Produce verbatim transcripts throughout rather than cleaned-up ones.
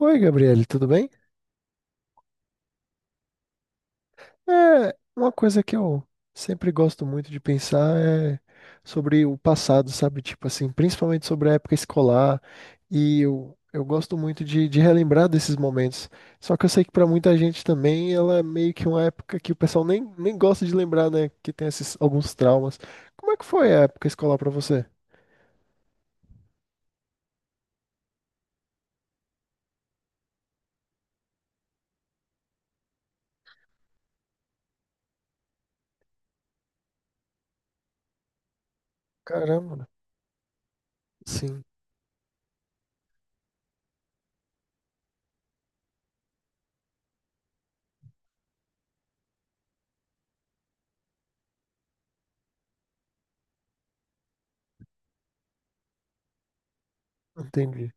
Oi, Gabriele, tudo bem? É, uma coisa que eu sempre gosto muito de pensar é sobre o passado, sabe? Tipo assim, principalmente sobre a época escolar. E eu, eu gosto muito de, de relembrar desses momentos. Só que eu sei que para muita gente também ela é meio que uma época que o pessoal nem, nem gosta de lembrar, né? Que tem esses alguns traumas. Como é que foi a época escolar para você? Caramba, sim, entendi,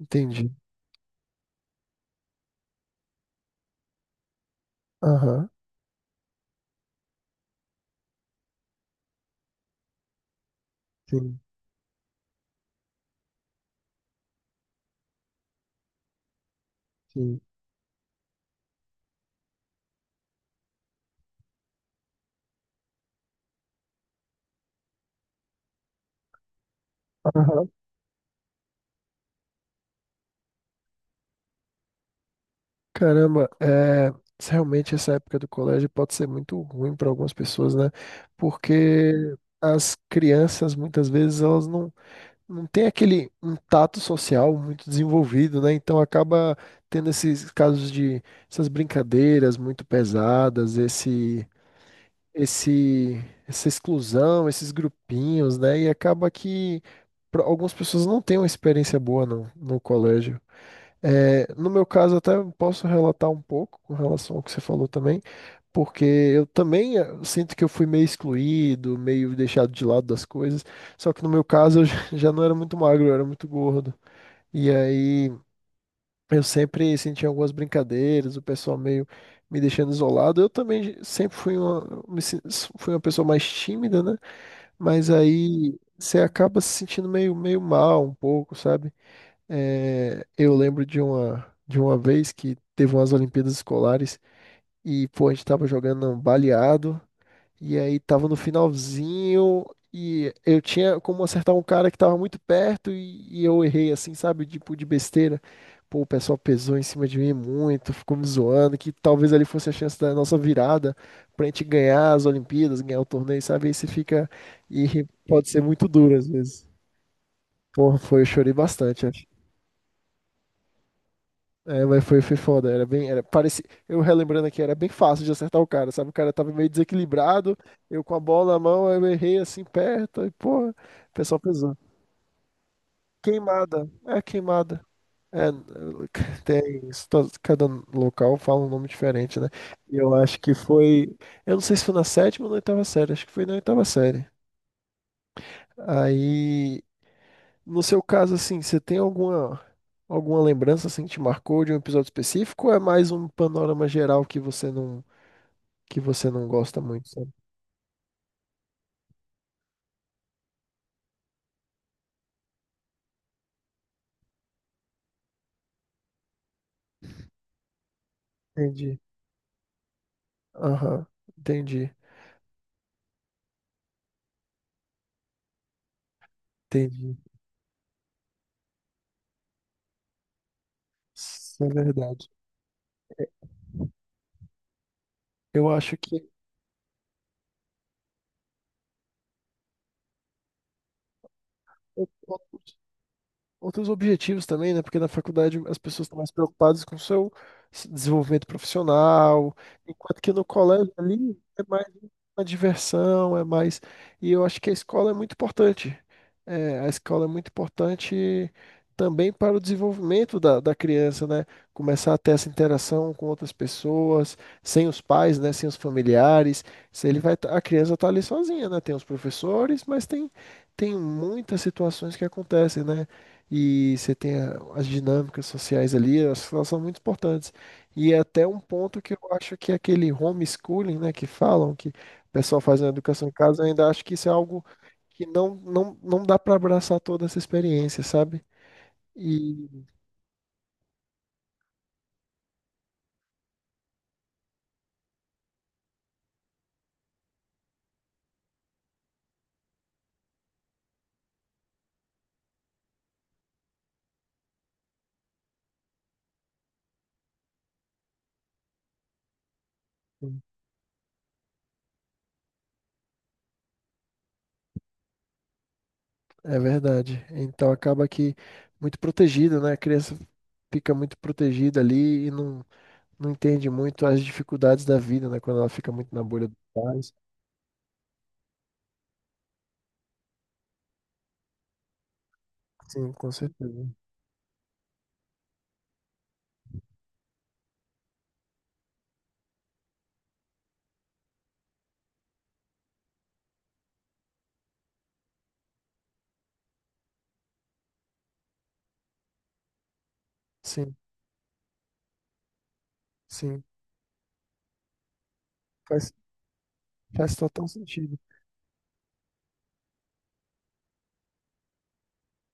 entendi. Aham, sim, sim. Aham. Caramba, é, realmente essa época do colégio pode ser muito ruim para algumas pessoas, né? Porque as crianças, muitas vezes, elas não, não têm aquele um tato social muito desenvolvido, né? Então acaba tendo esses casos de essas brincadeiras muito pesadas, esse, esse, essa exclusão, esses grupinhos, né? E acaba que pra- algumas pessoas não têm uma experiência boa no, no colégio. É, no meu caso, até posso relatar um pouco com relação ao que você falou também, porque eu também eh, sinto que eu fui meio excluído, meio deixado de lado das coisas. Só que no meu caso, eu já já não era muito magro, eu era muito gordo. E aí eu sempre sentia algumas brincadeiras, o pessoal meio me deixando isolado. Eu também sempre fui uma, me sen- fui uma pessoa mais tímida, né? Mas aí você acaba se sentindo meio, meio mal um pouco, sabe? É, eu lembro de uma, de uma vez que teve umas Olimpíadas Escolares e, pô, a gente tava jogando um baleado e aí tava no finalzinho e eu tinha como acertar um cara que tava muito perto e, e eu errei, assim, sabe? Tipo, de besteira. Pô, o pessoal pesou em cima de mim muito, ficou me zoando, que talvez ali fosse a chance da nossa virada pra gente ganhar as Olimpíadas, ganhar o torneio, sabe? Aí você fica... E pode ser muito duro às vezes. Pô, foi, eu chorei bastante. É, mas foi, foi foda, era bem, era, parecia, eu relembrando aqui, era bem fácil de acertar o cara, sabe? O cara tava meio desequilibrado, eu com a bola na mão, eu errei assim perto, e porra, o pessoal pesou. Queimada, é queimada. É, tem isso, to- cada local fala um nome diferente, né? E eu acho que foi, eu não sei se foi na sétima ou na oitava série, acho que foi na oitava série. Aí no seu caso, assim, você tem alguma alguma lembrança assim que te marcou de um episódio específico ou é mais um panorama geral que você não que você não gosta muito, sabe? Entendi. Aham. Entendi. Entendi. Isso é verdade. Eu acho que eu, outros objetivos também, né? Porque na faculdade as pessoas estão mais preocupadas com o seu s- desenvolvimento profissional, enquanto que no colégio ali é mais uma diversão, é mais. E eu acho que a escola é muito importante. É, a escola é muito importante também para o desenvolvimento da, da criança, né? Começar a ter essa interação com outras pessoas, sem os pais, né? Sem os familiares. Se ele vai, tá- a criança está ali sozinha, né? Tem os professores, mas tem, tem muitas situações que acontecem, né? E você tem a- as dinâmicas sociais ali, elas, elas são muito importantes. E é até um ponto que eu acho que é aquele homeschooling, né, que falam que o pessoal faz a educação em casa, eu ainda acho que isso é algo que não, não, não dá para abraçar toda essa experiência, sabe? E é verdade. Então acaba que muito protegido, né? A criança fica muito protegida ali e não, não entende muito as dificuldades da vida, né? Quando ela fica muito na bolha dos pais. Sim, com certeza. Sim, sim. Faz Faz total sentido,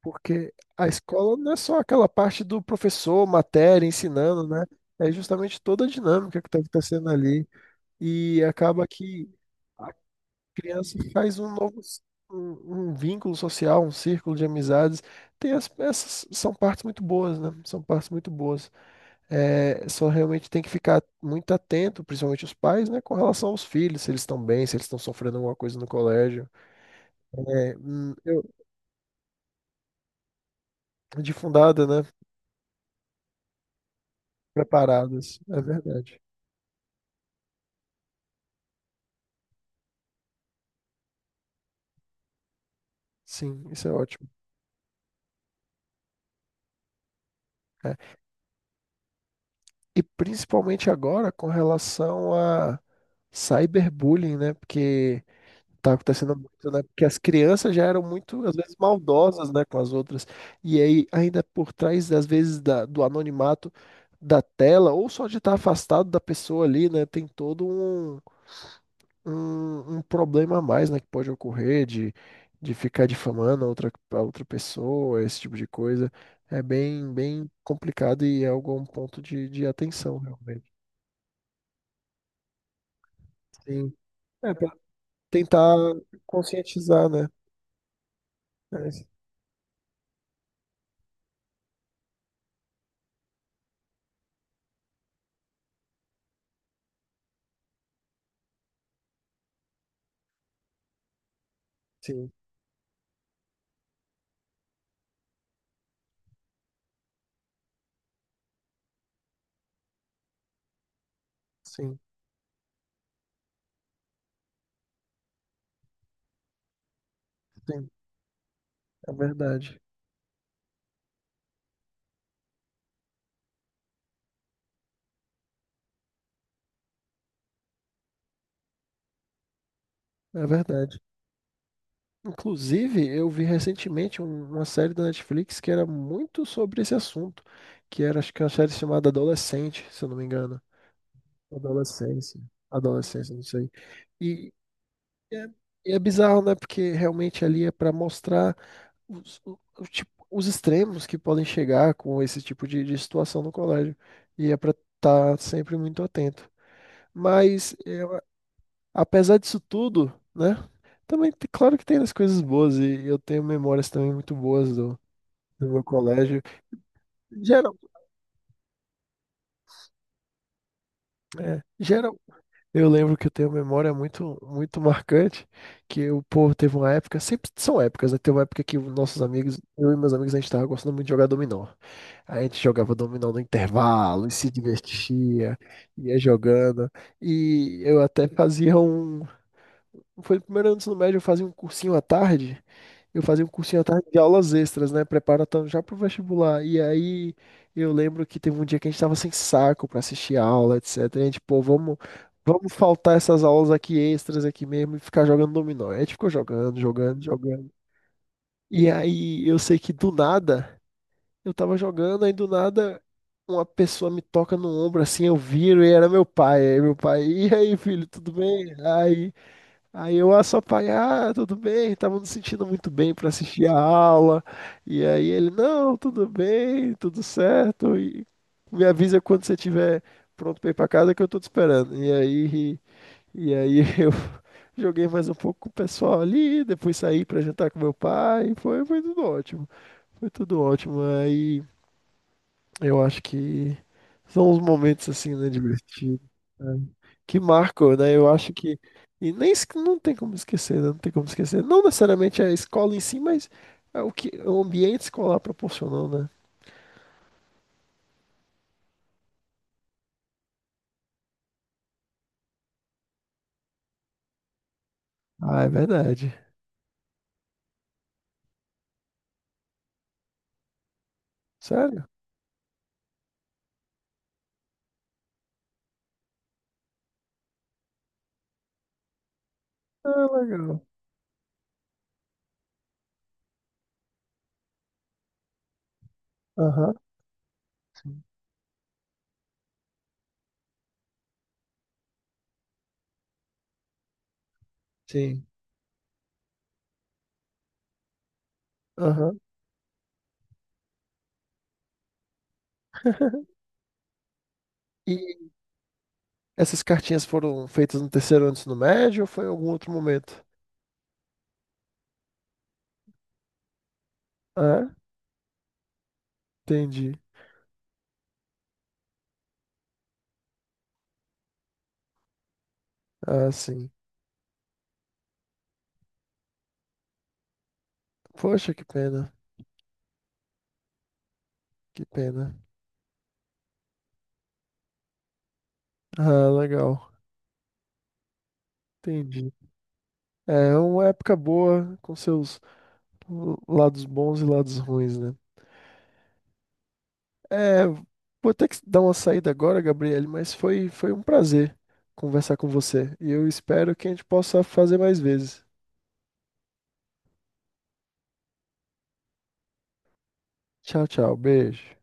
porque a escola não é só aquela parte do professor, matéria, ensinando, né? É justamente toda a dinâmica que está acontecendo ali. E acaba que a criança faz um novo, um, um vínculo social, um círculo de amizades. Tem as, essas são partes muito boas, né? São partes muito boas. É, só realmente tem que ficar muito atento, principalmente os pais, né? Com relação aos filhos, se eles estão bem, se eles estão sofrendo alguma coisa no colégio. É, hum, eu, de fundada, né? Preparadas, é verdade. Sim, isso é ótimo. É. E principalmente agora com relação a cyberbullying, né? Porque tá acontecendo muito, né? Porque as crianças já eram muito, às vezes, maldosas, né, com as outras. E aí, ainda por trás, às vezes, da- do anonimato da tela, ou só de estar afastado da pessoa ali, né? Tem todo um um, um problema a mais, né, que pode ocorrer de, de ficar difamando a outra, a outra pessoa, esse tipo de coisa. É bem, bem complicado e é algo um ponto de, de atenção, realmente. Sim. É, para tentar conscientizar, né? É, sim, sim, sim. É verdade. É verdade. Inclusive, eu vi recentemente um- uma série da Netflix que era muito sobre esse assunto, que era, acho que uma série chamada Adolescente, se eu não me engano. Adolescência. Adolescência, não sei. E é, e é bizarro, né? Porque realmente ali é para mostrar os, o- o tipo- os extremos que podem chegar com esse tipo de, de situação no colégio. E é para estar sempre muito atento. Mas, eu- apesar disso tudo, né? Também, tem- claro que tem as coisas boas. E eu tenho memórias também muito boas do, do meu colégio. Geral, é, geral, eu lembro que eu tenho uma memória muito, muito marcante, que o povo teve uma época, sempre são épocas, né? Teve uma época que os nossos amigos, eu e meus amigos, a gente tava gostando muito de jogar dominó. A gente jogava dominó no intervalo e se divertia, ia jogando. E eu até fazia um foi no primeiro ano do ensino médio, eu fazia um cursinho à tarde. Eu fazia um cursinho à tarde de aulas extras, né? Preparatando já pro vestibular. E aí eu lembro que teve um dia que a gente tava sem saco pra assistir a aula, et cetera. E a gente, pô, vamos, vamos faltar essas aulas aqui extras aqui mesmo e ficar jogando dominó. Aí a gente ficou jogando, jogando, jogando. E aí eu sei que do nada, eu tava jogando, aí do nada uma pessoa me toca no ombro assim, eu viro e era meu pai. Aí meu pai, e aí, filho, tudo bem? Aí Aí eu ah, só pai, ah, tudo bem, tava me sentindo muito bem para assistir a aula. E aí ele, não, tudo bem, tudo certo. E me avisa quando você estiver pronto para ir para casa que eu tô te esperando. E aí, e aí eu joguei mais um pouco com o pessoal ali, depois saí para jantar com meu pai. Foi, foi tudo ótimo. Foi tudo ótimo. Aí eu acho que são os momentos assim, né, divertidos. É que marcou, né? Eu acho que. E nem es- não tem como esquecer, né? Não tem como esquecer. Não necessariamente é a escola em si, mas é o que o ambiente escolar proporcionou, né? Ah, é verdade. Sério? Ah, legal. Aham. Sim. Sim. Aham. E essas cartinhas foram feitas no terceiro ano do ensino médio ou foi em algum outro momento? Ah, entendi. Ah, sim. Poxa, que pena. Que pena. Ah, legal. Entendi. É uma época boa com seus lados bons e lados ruins, né? É, vou ter que dar uma saída agora, Gabriele, mas foi, foi um prazer conversar com você. E eu espero que a gente possa fazer mais vezes. Tchau, tchau. Beijo.